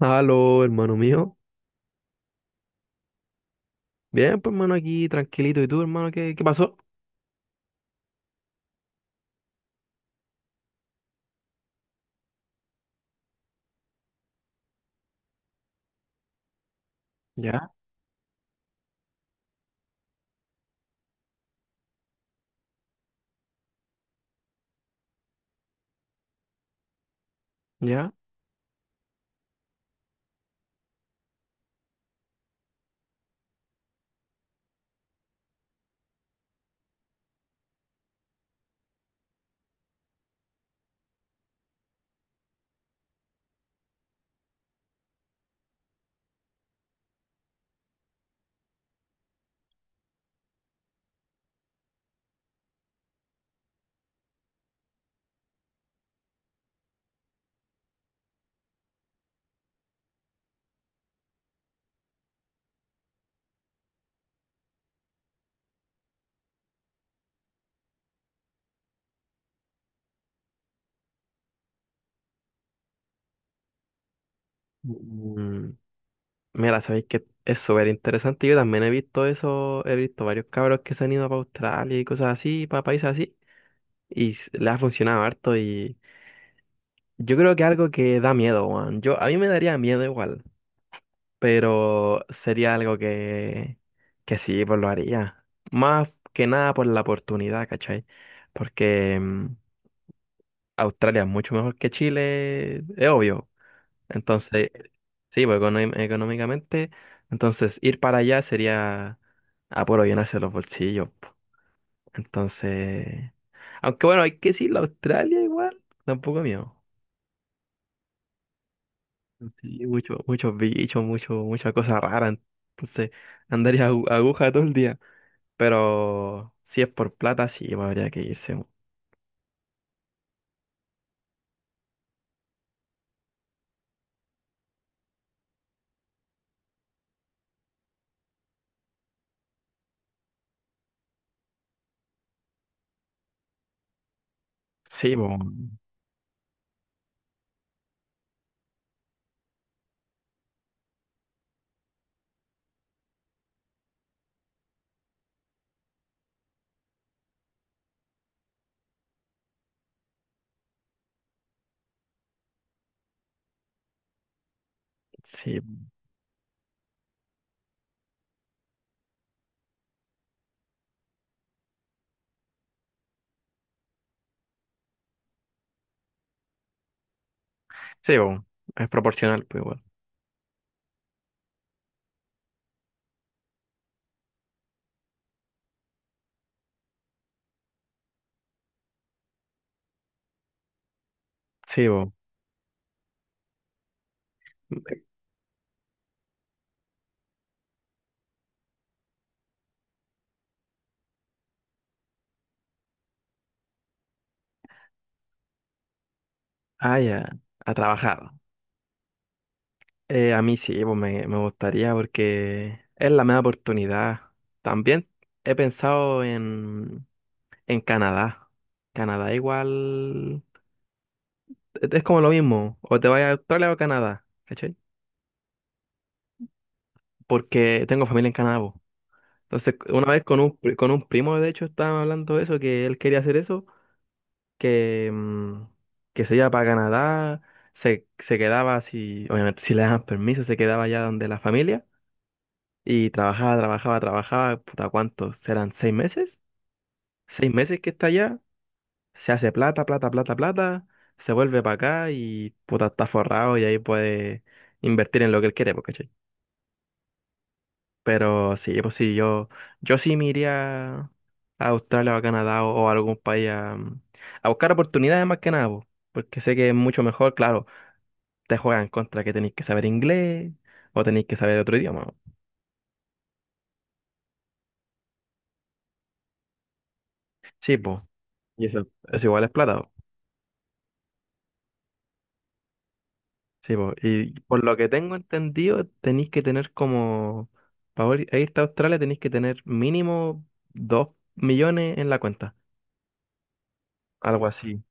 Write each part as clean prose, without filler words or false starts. Aló, hermano mío. Bien, pues hermano, aquí tranquilito. ¿Y tú, hermano, qué pasó? Ya, ya. Mm, mira, sabéis que es súper interesante. Yo también he visto eso, he visto varios cabros que se han ido para Australia y cosas así, para países así. Y s- le ha funcionado harto. Y yo creo que algo que da miedo, Juan. Yo, a mí me daría miedo igual, pero sería algo que sí, pues lo haría. Más que nada por la oportunidad, ¿cachai? Porque Australia es mucho mejor que Chile, es obvio. Entonces, sí, pues econo- económicamente, entonces ir para allá sería a puro llenarse los bolsillos, po. Entonces, aunque bueno, hay que decirlo, Australia igual, tampoco es mío. Sí, mucho- muchos bichos, mucho, mucha cosa rara. Entonces, andaría agu- aguja todo el día. Pero si es por plata, sí, pues, habría que irse, po. Sí, po. Sí, sí, po. Es proporcional, pues igual. Sí, po. Ah, ya, a trabajar. A mí sí, pues me gustaría porque es la mejor oportunidad. También he pensado en Canadá. Canadá igual es como lo mismo, o te vas a Australia o a Canadá, ¿cachai? Porque tengo familia en Canadá, po. Entonces, una vez con un, pri- con un primo, de hecho, estábamos hablando de eso, que él quería hacer eso, que, que se iba para Canadá, se quedaba, si, obviamente, si le daban permiso, se quedaba allá donde la familia. Y trabajaba, puta, ¿cuántos? ¿Serán seis meses? Seis meses que está allá, se hace plata, se vuelve para acá y puta, está forrado y ahí puede invertir en lo que él quiere, pues, ¿cachai? Pero sí, pues sí, yo sí me iría a Australia o a Canadá o a algún país a buscar oportunidades más que nada, po, porque sé que es mucho mejor, claro, te juegan contra que tenéis que saber inglés o tenéis que saber otro idioma, ¿no? Sí, pues, y eso igual es plata. Sí, po, y por lo que tengo entendido, tenéis que tener como, para irte a Australia tenéis que tener mínimo 2.000.000 en la cuenta, algo así.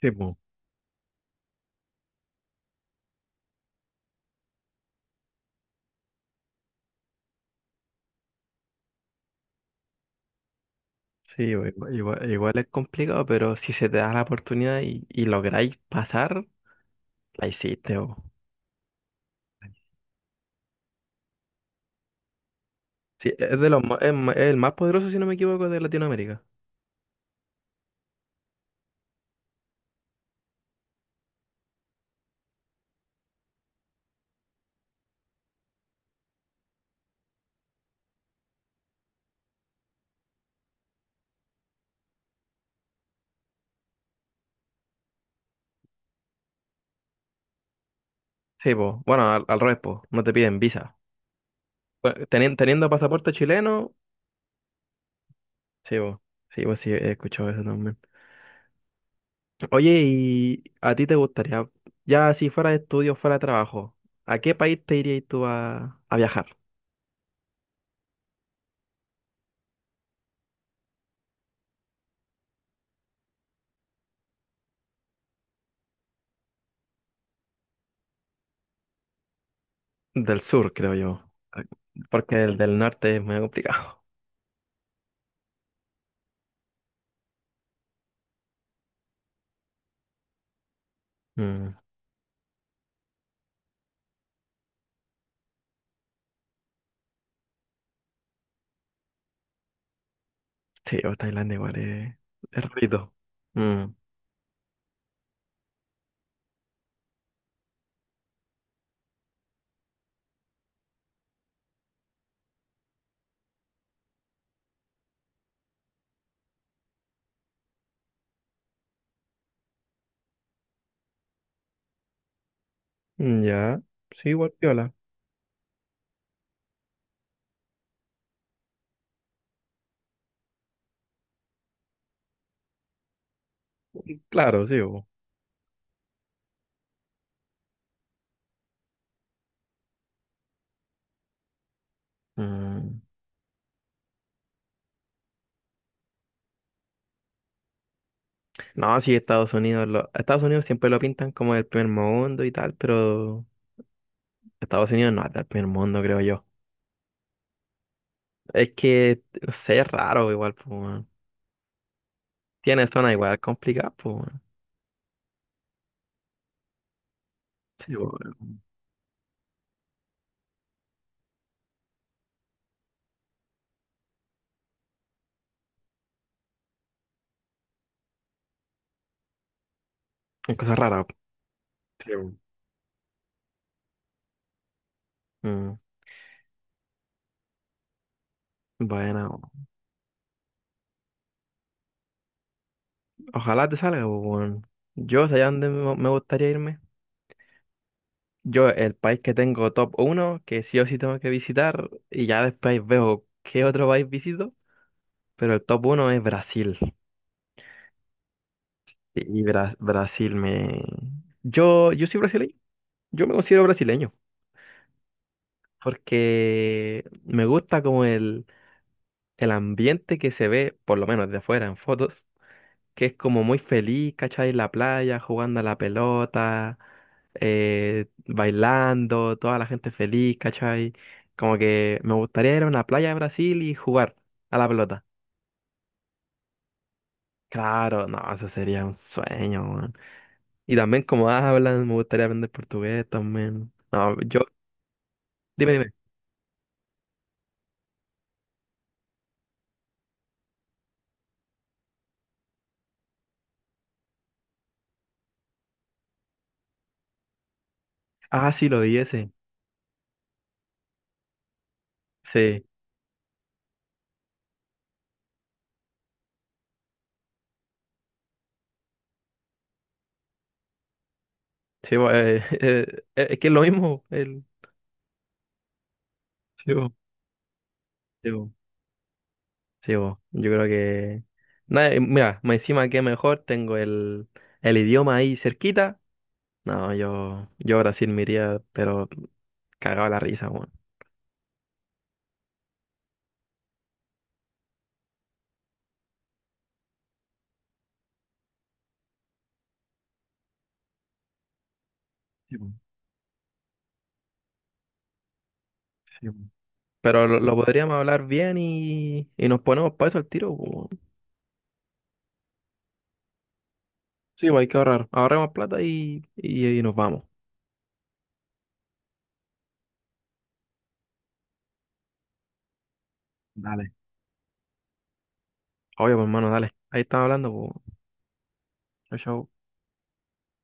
Sí, po. Sí, po, igua- igual, igual es complicado, pero si se te da la oportunidad y lográis pasar, la hiciste, po. Sí, es de los, ma- es el más poderoso, si no me equivoco, de Latinoamérica. Sí, po. Bueno, al, al revés, po, no te piden visa. Bueno, teni- Teniendo, pasaporte chileno, sí, po. Sí, pues sí, he escuchado eso también. Oye, ¿y a ti te gustaría, ya si fuera de estudio, fuera de trabajo, ¿a qué país te irías tú a viajar? Del sur, creo yo, a- porque el del norte es muy complicado. Mm, sí, o Tailandia igual es ruido. Mm, mm, ya, sí, igual piola. Claro, sí, bo. Mm, no, sí, Estados Unidos, lo- Estados Unidos siempre lo pintan como el primer mundo y tal, pero Estados Unidos no es el primer mundo, creo yo. Es que, no sé, es raro igual, pues. Tiene zona igual complicada, pues, weón. Sí, bueno. Una cosa rara, pues. Sí, bueno. Mm, bueno, ojalá te salga, pues, weón. Yo, ¿sabes dónde me gustaría irme? Yo, el país que tengo top uno, que sí o sí tengo que visitar, y ya después veo qué otro país visito, pero el top uno es Brasil. Y Bra- Brasil me... Yo soy brasileño, yo me considero brasileño, porque me gusta como el ambiente que se ve, por lo menos de afuera en fotos, que es como muy feliz, ¿cachai? En la playa, jugando a la pelota, bailando, toda la gente feliz, ¿cachai? Como que me gustaría ir a una playa de Brasil y jugar a la pelota. Claro, no, eso sería un sueño, weón. Y también como hablan, me gustaría aprender portugués también. No, yo, dime, dime. Ah, sí, lo di ese. Sí, sí, bo- es que es lo mismo. El, sí, bo, sí, bo. Sí, bo, yo creo que... nada, mira, más encima que mejor tengo el idioma ahí cerquita. No, yo a Brasil me iría, pero cagaba la risa, weón. Sí, po, sí, bo. Pero lo Mm. podríamos hablar bien y nos ponemos para eso al tiro, po, weón. Sí, bo, hay que ahorrar. Ahorremos plata y nos vamos. Dale. Obvio, pues, hermano, dale. Ahí estamos hablando, pues. Chao chau.